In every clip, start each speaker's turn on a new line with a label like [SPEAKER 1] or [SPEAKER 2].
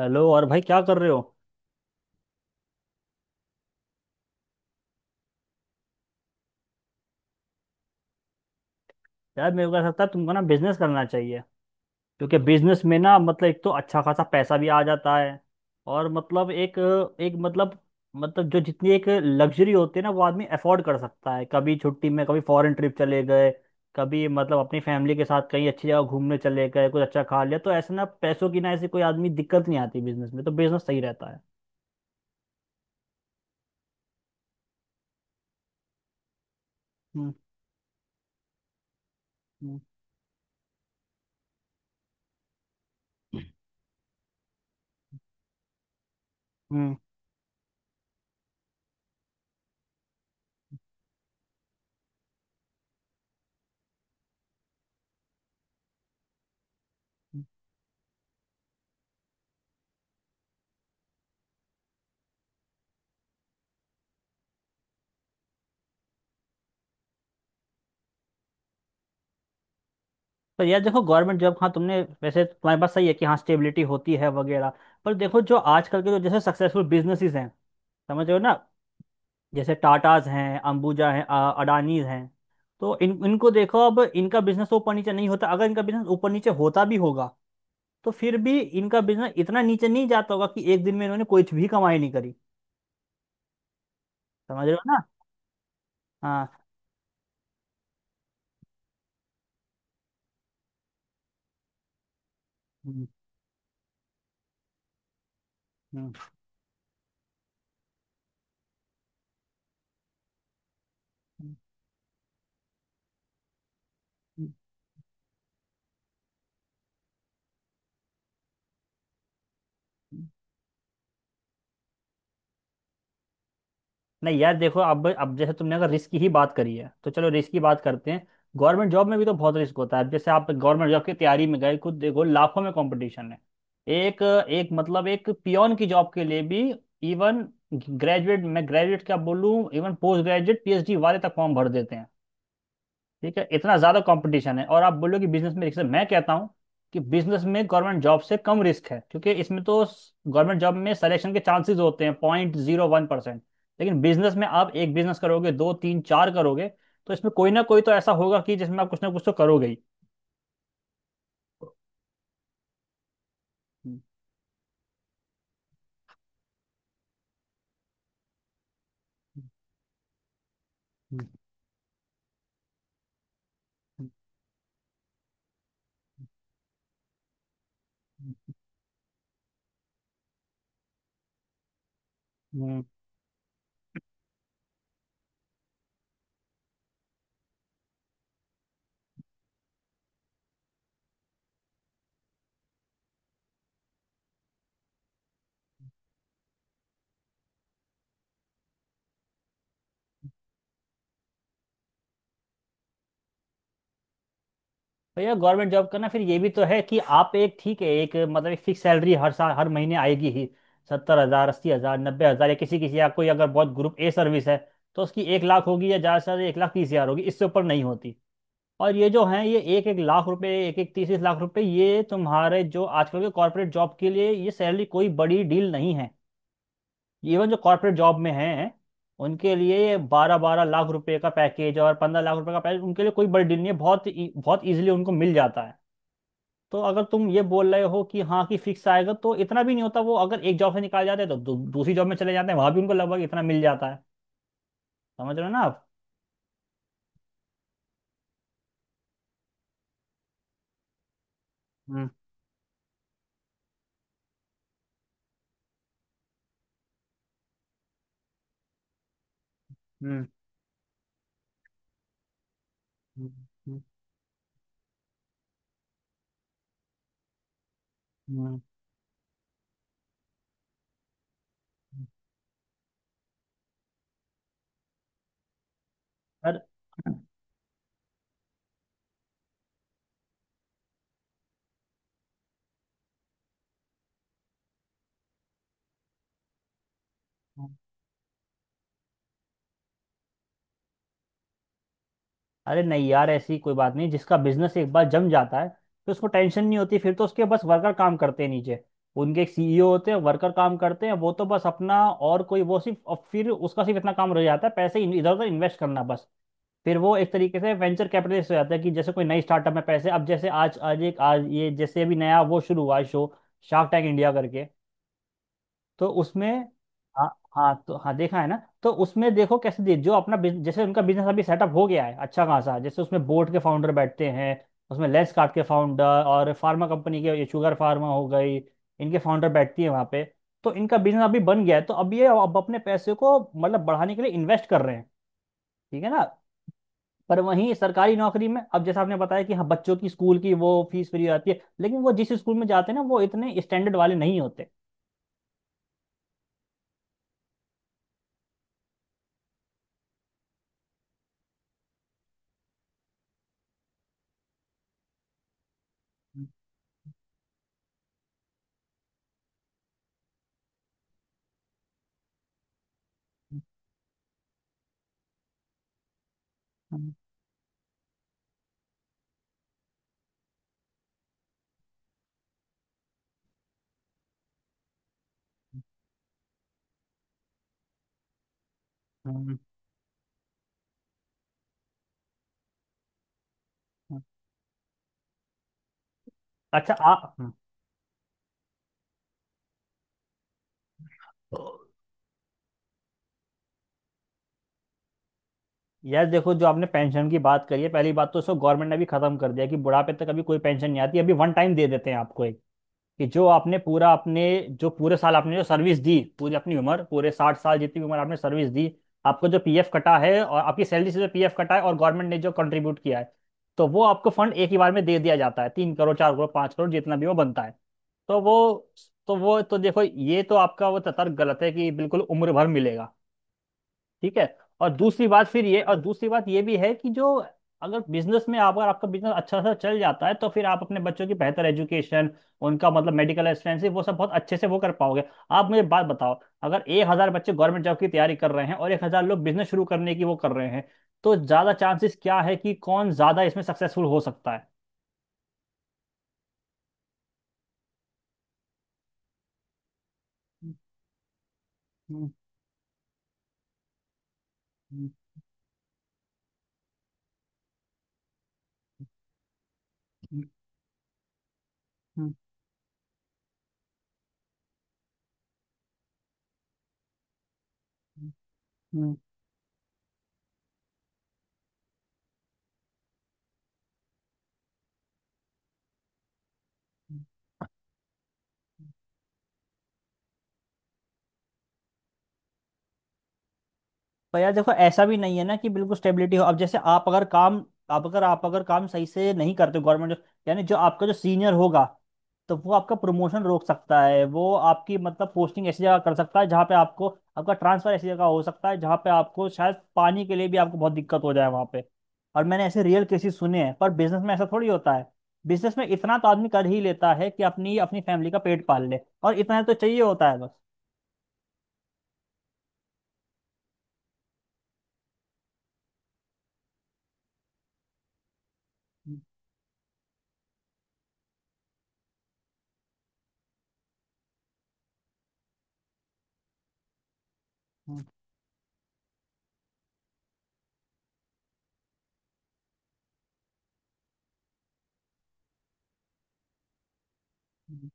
[SPEAKER 1] Hello, और भाई, क्या कर रहे हो? यार, मेरे को ऐसा लगता है तुमको ना बिजनेस करना चाहिए। क्योंकि बिजनेस में ना मतलब एक तो अच्छा खासा पैसा भी आ जाता है। और मतलब एक एक मतलब मतलब जो जितनी एक लग्जरी होती है ना वो आदमी अफोर्ड कर सकता है, कभी छुट्टी में, कभी फॉरेन ट्रिप चले गए, कभी मतलब अपनी फैमिली के साथ कहीं अच्छी जगह घूमने चले गए, कुछ अच्छा खा लिया, तो ऐसे ना पैसों की ना ऐसी कोई आदमी दिक्कत नहीं आती बिजनेस में, तो बिजनेस सही रहता है। हम्म, हम्म, हम्म, हम्म। पर यार देखो, गवर्नमेंट जॉब, हाँ तुमने, वैसे तुम्हारे पास सही है कि हाँ स्टेबिलिटी होती है वगैरह। पर देखो, जो आजकल के जो जैसे सक्सेसफुल बिजनेसेस हैं, समझ रहे हो ना? जैसे टाटाज हैं, अंबुजा हैं, अडानीज हैं। तो इन इनको देखो, अब इनका बिजनेस ऊपर नीचे नहीं होता। अगर इनका बिजनेस ऊपर नीचे होता भी होगा, तो फिर भी इनका बिजनेस इतना नीचे नहीं जाता होगा कि एक दिन में इन्होंने कुछ भी कमाई नहीं करी। समझ रहे हो ना? हाँ। हम्म, हम्म, हम्म, हम्म, हम्म। नहीं यार देखो, अब जैसे तुमने अगर रिस्क की ही बात करी है, तो चलो रिस्क की बात करते हैं। गवर्नमेंट जॉब में भी तो बहुत रिस्क होता है। अब जैसे आप गवर्नमेंट जॉब की तैयारी में गए, खुद देखो, लाखों में कंपटीशन है। एक एक मतलब एक पियोन की जॉब के लिए भी। इवन ग्रेजुएट, मैं ग्रेजुएट क्या बोलूँ, इवन पोस्ट ग्रेजुएट पीएचडी वाले तक फॉर्म भर देते हैं। ठीक है, इतना ज़्यादा कंपटीशन है, और आप बोलो कि बिजनेस में रिस्क है। मैं कहता हूँ कि बिजनेस में गवर्नमेंट जॉब से कम रिस्क है, क्योंकि इसमें तो गवर्नमेंट जॉब में सिलेक्शन के चांसेस होते हैं 0.01%। लेकिन बिजनेस में आप एक बिजनेस करोगे, दो तीन चार करोगे, तो इसमें कोई ना कोई तो ऐसा होगा कि जिसमें आप कुछ ना कुछ तो करोगे ही। हम्म, हम्म, हम्म, हम्म, हम्म। भैया, गवर्नमेंट जॉब करना, फिर ये भी तो है कि आप एक, ठीक है, एक मतलब एक फिक्स सैलरी हर साल हर महीने आएगी ही। 70 हजार, 80 हजार, 90 हजार, या किसी किसी या कोई, अगर बहुत ग्रुप ए सर्विस है, तो उसकी 1 लाख होगी या ज़्यादा से ज़्यादा 1 लाख 30 हजार होगी, इससे ऊपर नहीं होती। और ये जो है ये एक एक लाख रुपए, एक एक तीस तीस लाख रुपए, ये तुम्हारे जो आजकल के कॉर्पोरेट जॉब के लिए ये सैलरी कोई बड़ी डील नहीं है। इवन जो कॉर्पोरेट जॉब में हैं, उनके लिए 12-12 लाख रुपए का पैकेज और 15 लाख रुपए का पैकेज उनके लिए कोई बड़ी डील नहीं है, बहुत इजीली उनको मिल जाता है। तो अगर तुम ये बोल रहे हो कि हाँ, कि फिक्स आएगा, तो इतना भी नहीं होता। वो अगर एक जॉब से निकाल जाते हैं तो दूसरी जॉब में चले जाते हैं, वहां भी उनको लगभग इतना मिल जाता है। समझ रहे हो ना आप? हम्म, हम्म, हम्म, हम्म, हम्म। अर- अरे नहीं यार, ऐसी कोई बात नहीं। जिसका बिजनेस एक बार जम जाता है, तो उसको टेंशन नहीं होती, फिर तो उसके बस वर्कर काम करते हैं नीचे, उनके एक सीईओ होते हैं, वर्कर काम करते हैं, वो तो बस अपना, और कोई वो सिर्फ, और फिर उसका सिर्फ इतना काम रह जाता है, पैसे इधर उधर इन्वेस्ट करना, बस। फिर वो एक तरीके से वेंचर कैपिटलिस्ट हो जाता है कि जैसे कोई नई स्टार्टअप में पैसे, अब जैसे आज आज एक आज ये जैसे अभी नया वो शुरू हुआ है शो, शार्क टैंक इंडिया करके, तो उसमें, हाँ, हाँ, तो हाँ, देखा है ना? तो उसमें देखो कैसे, दे जो अपना जैसे उनका बिजनेस अभी सेटअप हो गया है अच्छा खासा, जैसे उसमें बोर्ड के फाउंडर बैठते हैं। उसमें लेंस कार्ट के फाउंडर और फार्मा कंपनी के, ये शुगर फार्मा हो गई, इनके फाउंडर बैठती है वहाँ पे। तो इनका बिजनेस अभी बन गया है, तो अब ये अब अपने पैसे को मतलब बढ़ाने के लिए इन्वेस्ट कर रहे हैं, ठीक है ना? पर वहीं सरकारी नौकरी में, अब जैसा आपने बताया कि हाँ, बच्चों की स्कूल की वो फीस फ्री रहती है, लेकिन वो जिस स्कूल में जाते हैं ना, वो इतने स्टैंडर्ड वाले नहीं होते। अच्छा आप। यार देखो, जो आपने पेंशन की बात करी है, पहली बात तो उसको गवर्नमेंट ने भी खत्म कर दिया कि बुढ़ापे तक अभी कोई पेंशन नहीं आती, अभी वन टाइम दे देते हैं आपको एक, कि जो आपने पूरा अपने, जो पूरे साल आपने जो सर्विस दी, पूरी अपनी उम्र, पूरे 60 साल जितनी भी उम्र आपने सर्विस दी, आपको जो पीएफ कटा है और आपकी सैलरी से जो पीएफ कटा है और गवर्नमेंट ने जो कंट्रीब्यूट किया है, तो वो आपको फंड एक ही बार में दे दिया जाता है, 3 करोड़, 4 करोड़, 5 करोड़, जितना भी वो बनता है। तो वो तो वो तो देखो, ये तो आपका वो तर्क गलत है कि बिल्कुल उम्र भर मिलेगा। ठीक है। और दूसरी बात फिर, ये और दूसरी बात ये भी है कि जो, अगर बिजनेस में अगर आपका बिजनेस अच्छा सा चल जाता है, तो फिर आप अपने बच्चों की बेहतर एजुकेशन, उनका मतलब मेडिकल असिस्टेंसी, वो सब बहुत अच्छे से वो कर पाओगे। आप मुझे बात बताओ, अगर 1000 बच्चे गवर्नमेंट जॉब की तैयारी कर रहे हैं और 1000 लोग बिजनेस शुरू करने की वो कर रहे हैं, तो ज्यादा चांसेस क्या है कि कौन ज्यादा इसमें सक्सेसफुल हो सकता है? हम्म, हम्म, हम्म, हम्म, हम्म, हम्म। पर यार देखो, ऐसा भी नहीं है ना कि बिल्कुल स्टेबिलिटी हो। अब जैसे आप अगर काम सही से नहीं करते गवर्नमेंट, यानी जो आपका जो सीनियर होगा, तो वो आपका प्रमोशन रोक सकता है, वो आपकी मतलब पोस्टिंग ऐसी जगह कर सकता है जहाँ पे आपको, आपका ट्रांसफर ऐसी जगह हो सकता है जहाँ पे आपको शायद पानी के लिए भी आपको बहुत दिक्कत हो जाए वहाँ पे। और मैंने ऐसे रियल केसेस सुने हैं, पर बिजनेस में ऐसा थोड़ी होता है। बिजनेस में इतना तो आदमी कर ही लेता है कि अपनी अपनी फैमिली का पेट पाल ले, और इतना तो चाहिए होता है बस। हम्म, हम्म,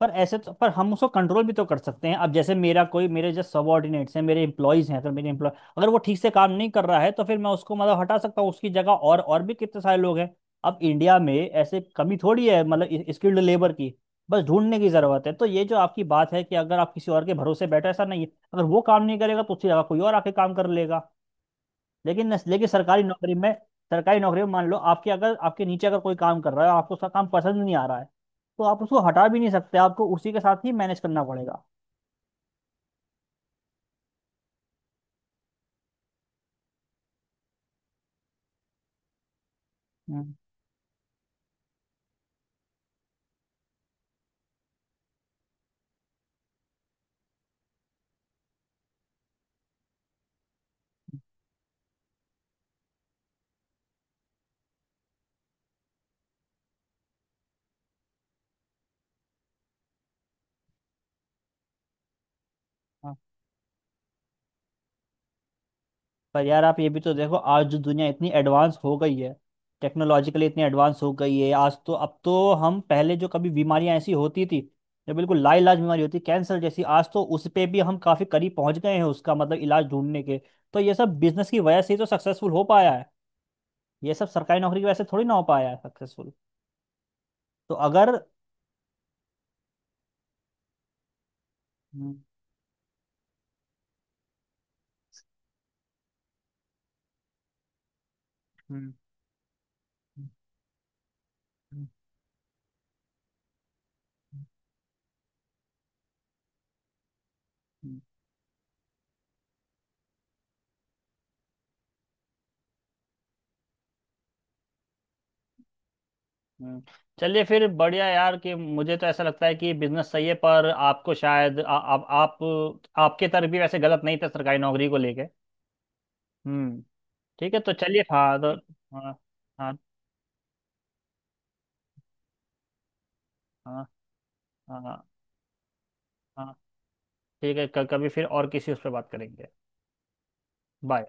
[SPEAKER 1] पर ऐसे तो पर हम उसको कंट्रोल भी तो कर सकते हैं। अब जैसे मेरा कोई, मेरे जो सबॉर्डिनेट्स हैं, मेरे एम्प्लॉयज हैं, तो मेरे एम्प्लॉय अगर वो ठीक से काम नहीं कर रहा है तो फिर मैं उसको मतलब हटा सकता हूँ, उसकी जगह और भी कितने सारे लोग हैं। अब इंडिया में ऐसे कमी थोड़ी है मतलब स्किल्ड लेबर की, बस ढूंढने की जरूरत है। तो ये जो आपकी बात है कि अगर आप किसी और के भरोसे बैठे, ऐसा नहीं है, अगर वो काम नहीं करेगा तो उसकी जगह कोई और आके काम कर लेगा। लेकिन नस- लेकिन सरकारी नौकरी में मान लो आपके, अगर आपके नीचे अगर कोई काम कर रहा है और आपको उसका काम पसंद नहीं आ रहा है, तो आप उसको हटा भी नहीं सकते, आपको उसी के साथ ही मैनेज करना पड़ेगा। हम्म, हाँ। पर यार आप ये भी तो देखो, आज जो दुनिया इतनी एडवांस हो गई है, टेक्नोलॉजिकली इतनी एडवांस हो गई है, आज तो, अब तो हम, पहले जो कभी बीमारियां ऐसी होती थी जो बिल्कुल लाइलाज बीमारी होती, कैंसर जैसी, आज तो उस पे भी हम काफी करीब पहुंच गए हैं उसका मतलब इलाज ढूंढने के, तो ये सब बिजनेस की वजह से ही तो सक्सेसफुल हो पाया है। ये सब सरकारी नौकरी की वजह से थोड़ी ना हो पाया सक्सेसफुल, तो अगर। हम्म, हम्म, हम्म, हम्म, हम्म। चलिए फिर, बढ़िया यार, कि मुझे तो ऐसा लगता है कि बिजनेस सही है, पर आपको शायद आ, आप आपके तरफ भी वैसे गलत नहीं था सरकारी नौकरी को लेके। हम्म। ठीक है, तो चलिए। हाँ, तो हाँ, हाँ, हाँ, हाँ, हाँ, हाँ। ठीक है, कभी फिर और किसी उस पर बात करेंगे। बाय।